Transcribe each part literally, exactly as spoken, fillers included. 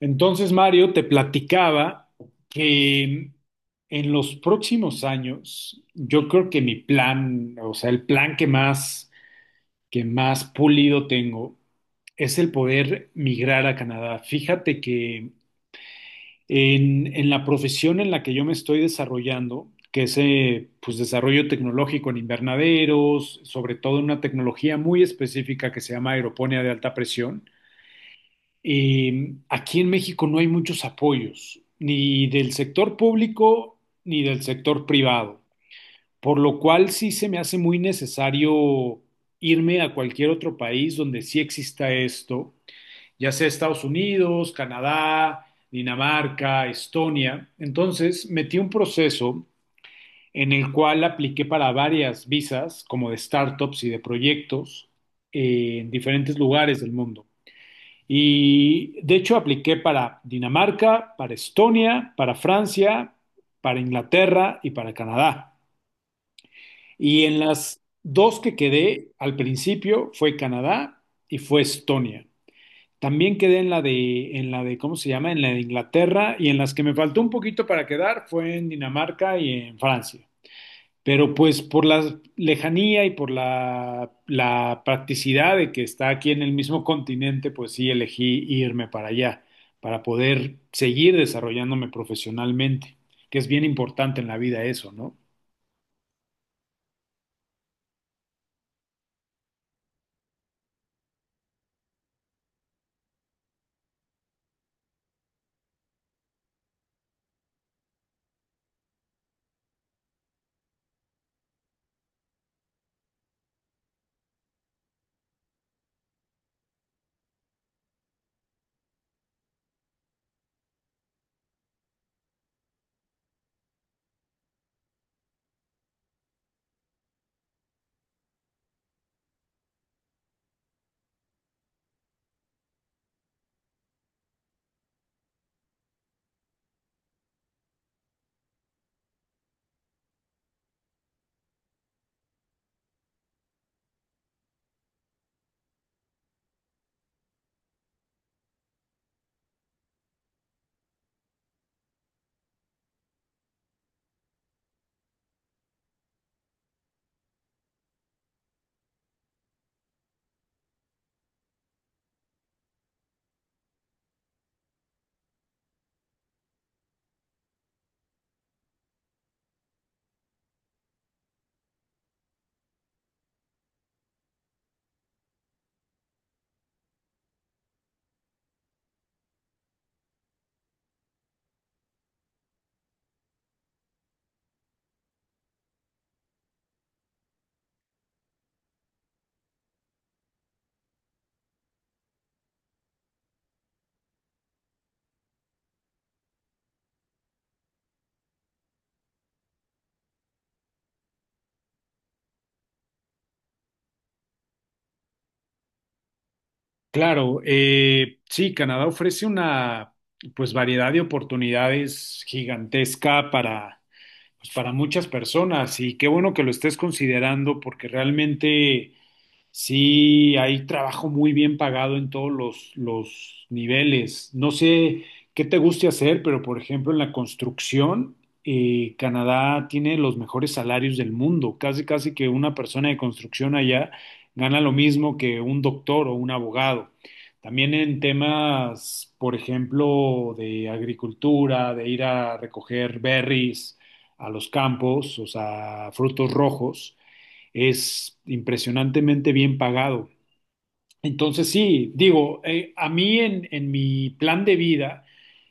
Entonces, Mario, te platicaba que en los próximos años, yo creo que mi plan, o sea, el plan que más, que más pulido tengo es el poder migrar a Canadá. Fíjate que en, en la profesión en la que yo me estoy desarrollando, que es eh, pues, desarrollo tecnológico en invernaderos, sobre todo en una tecnología muy específica que se llama aeroponía de alta presión. Eh, aquí en México no hay muchos apoyos, ni del sector público ni del sector privado, por lo cual sí se me hace muy necesario irme a cualquier otro país donde sí exista esto, ya sea Estados Unidos, Canadá, Dinamarca, Estonia. Entonces metí un proceso en el cual apliqué para varias visas, como de startups y de proyectos, eh, en diferentes lugares del mundo. Y de hecho apliqué para Dinamarca, para Estonia, para Francia, para Inglaterra y para Canadá. Y en las dos que quedé al principio fue Canadá y fue Estonia. También quedé en la de, en la de, ¿cómo se llama? En la de Inglaterra, y en las que me faltó un poquito para quedar fue en Dinamarca y en Francia. Pero pues por la lejanía y por la, la practicidad de que está aquí en el mismo continente, pues sí elegí irme para allá, para poder seguir desarrollándome profesionalmente, que es bien importante en la vida eso, ¿no? Claro, eh, sí, Canadá ofrece una pues variedad de oportunidades gigantesca para, pues, para muchas personas, y qué bueno que lo estés considerando porque realmente sí, hay trabajo muy bien pagado en todos los, los niveles. No sé qué te guste hacer, pero por ejemplo en la construcción, eh, Canadá tiene los mejores salarios del mundo. Casi, casi que una persona de construcción allá gana lo mismo que un doctor o un abogado. También en temas, por ejemplo, de agricultura, de ir a recoger berries a los campos, o sea, frutos rojos, es impresionantemente bien pagado. Entonces sí, digo, eh, a mí en, en mi plan de vida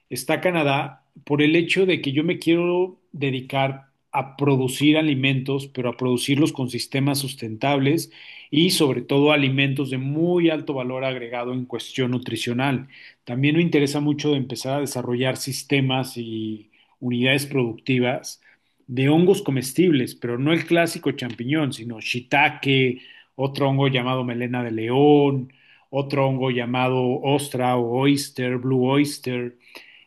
está Canadá por el hecho de que yo me quiero dedicar a producir alimentos, pero a producirlos con sistemas sustentables, y sobre todo alimentos de muy alto valor agregado en cuestión nutricional. También me interesa mucho empezar a desarrollar sistemas y unidades productivas de hongos comestibles, pero no el clásico champiñón, sino shiitake, otro hongo llamado melena de león, otro hongo llamado ostra o oyster, blue oyster.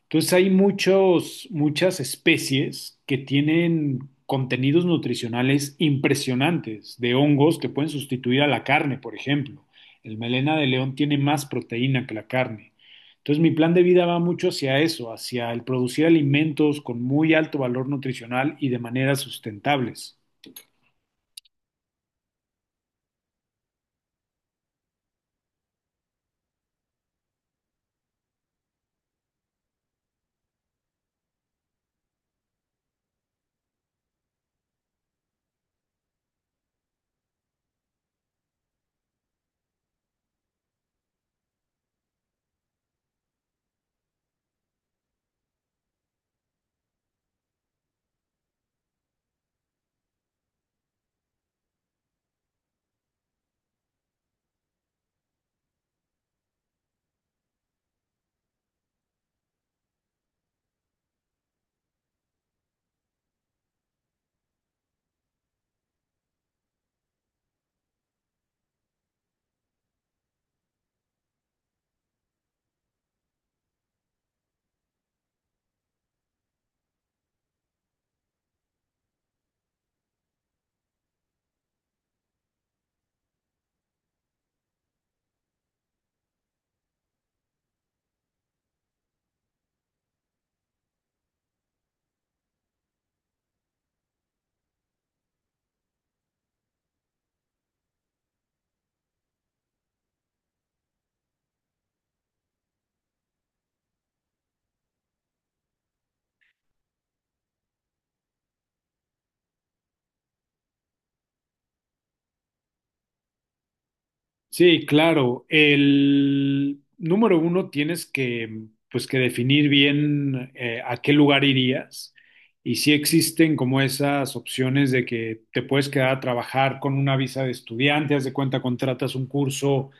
Entonces hay muchos, muchas especies que tienen contenidos nutricionales impresionantes, de hongos que pueden sustituir a la carne, por ejemplo. El melena de león tiene más proteína que la carne. Entonces mi plan de vida va mucho hacia eso, hacia el producir alimentos con muy alto valor nutricional y de maneras sustentables. Sí, claro. El número uno, tienes que, pues, que definir bien eh, a qué lugar irías, y si existen como esas opciones de que te puedes quedar a trabajar con una visa de estudiante, haz de cuenta contratas un curso,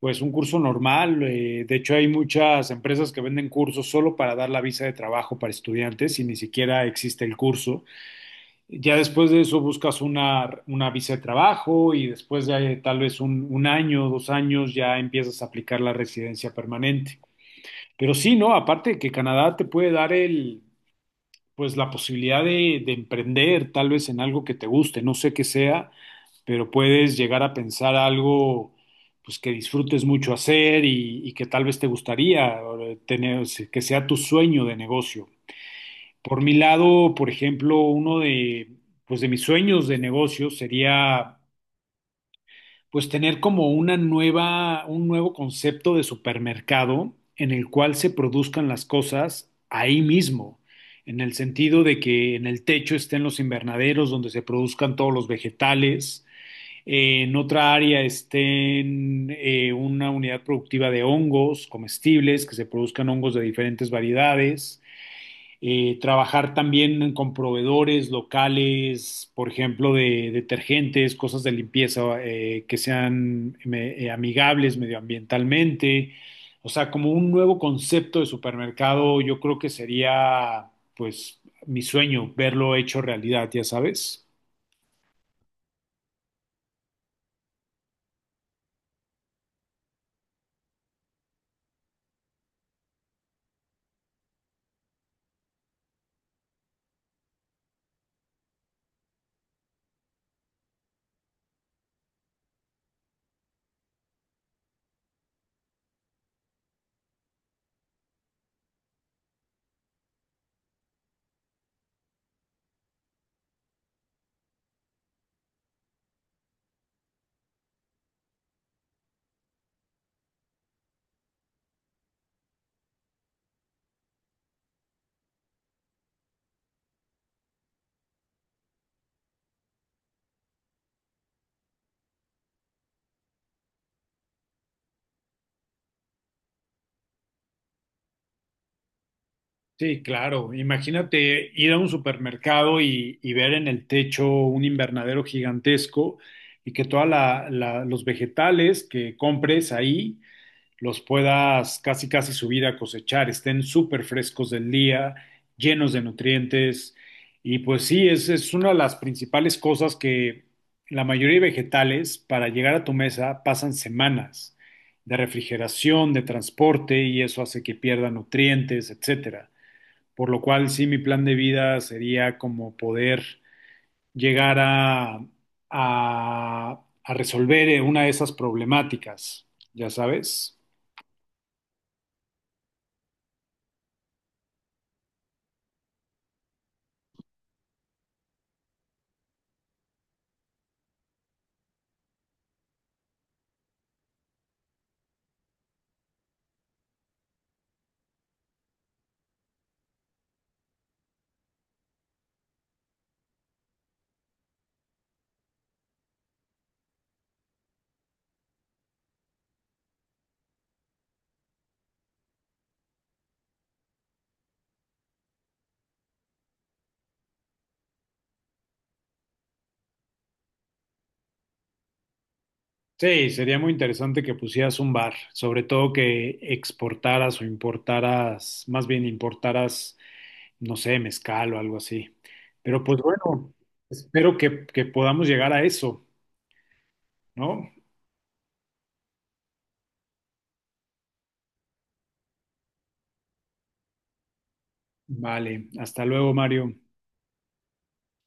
pues un curso normal. Eh, de hecho, hay muchas empresas que venden cursos solo para dar la visa de trabajo para estudiantes y ni siquiera existe el curso. Ya después de eso buscas una, una visa de trabajo, y después de tal vez un, un año, dos años, ya empiezas a aplicar la residencia permanente. Pero sí, ¿no? Aparte de que Canadá te puede dar el, pues la posibilidad de, de emprender tal vez en algo que te guste, no sé qué sea, pero puedes llegar a pensar algo, pues, que disfrutes mucho hacer, y, y que tal vez te gustaría eh, tener, que sea tu sueño de negocio. Por mi lado, por ejemplo, uno de, pues de mis sueños de negocio sería pues tener como una nueva, un nuevo concepto de supermercado, en el cual se produzcan las cosas ahí mismo, en el sentido de que en el techo estén los invernaderos donde se produzcan todos los vegetales, eh, en otra área estén eh, una unidad productiva de hongos comestibles, que se produzcan hongos de diferentes variedades, eh, trabajar también con proveedores locales, por ejemplo, de detergentes, cosas de limpieza, eh, que sean me- eh, amigables medioambientalmente. O sea, como un nuevo concepto de supermercado, yo creo que sería, pues, mi sueño, verlo hecho realidad, ya sabes. Sí, claro. Imagínate ir a un supermercado y, y ver en el techo un invernadero gigantesco, y que todos los vegetales que compres ahí los puedas casi casi subir a cosechar, estén súper frescos del día, llenos de nutrientes. Y pues sí, es, es una de las principales cosas, que la mayoría de vegetales para llegar a tu mesa pasan semanas de refrigeración, de transporte, y eso hace que pierda nutrientes, etcétera. Por lo cual sí, mi plan de vida sería como poder llegar a, a, a resolver eh, una de esas problemáticas, ya sabes. Sí, sería muy interesante que pusieras un bar, sobre todo que exportaras o importaras, más bien importaras, no sé, mezcal o algo así. Pero pues bueno, espero que, que podamos llegar a eso, ¿no? Vale, hasta luego, Mario.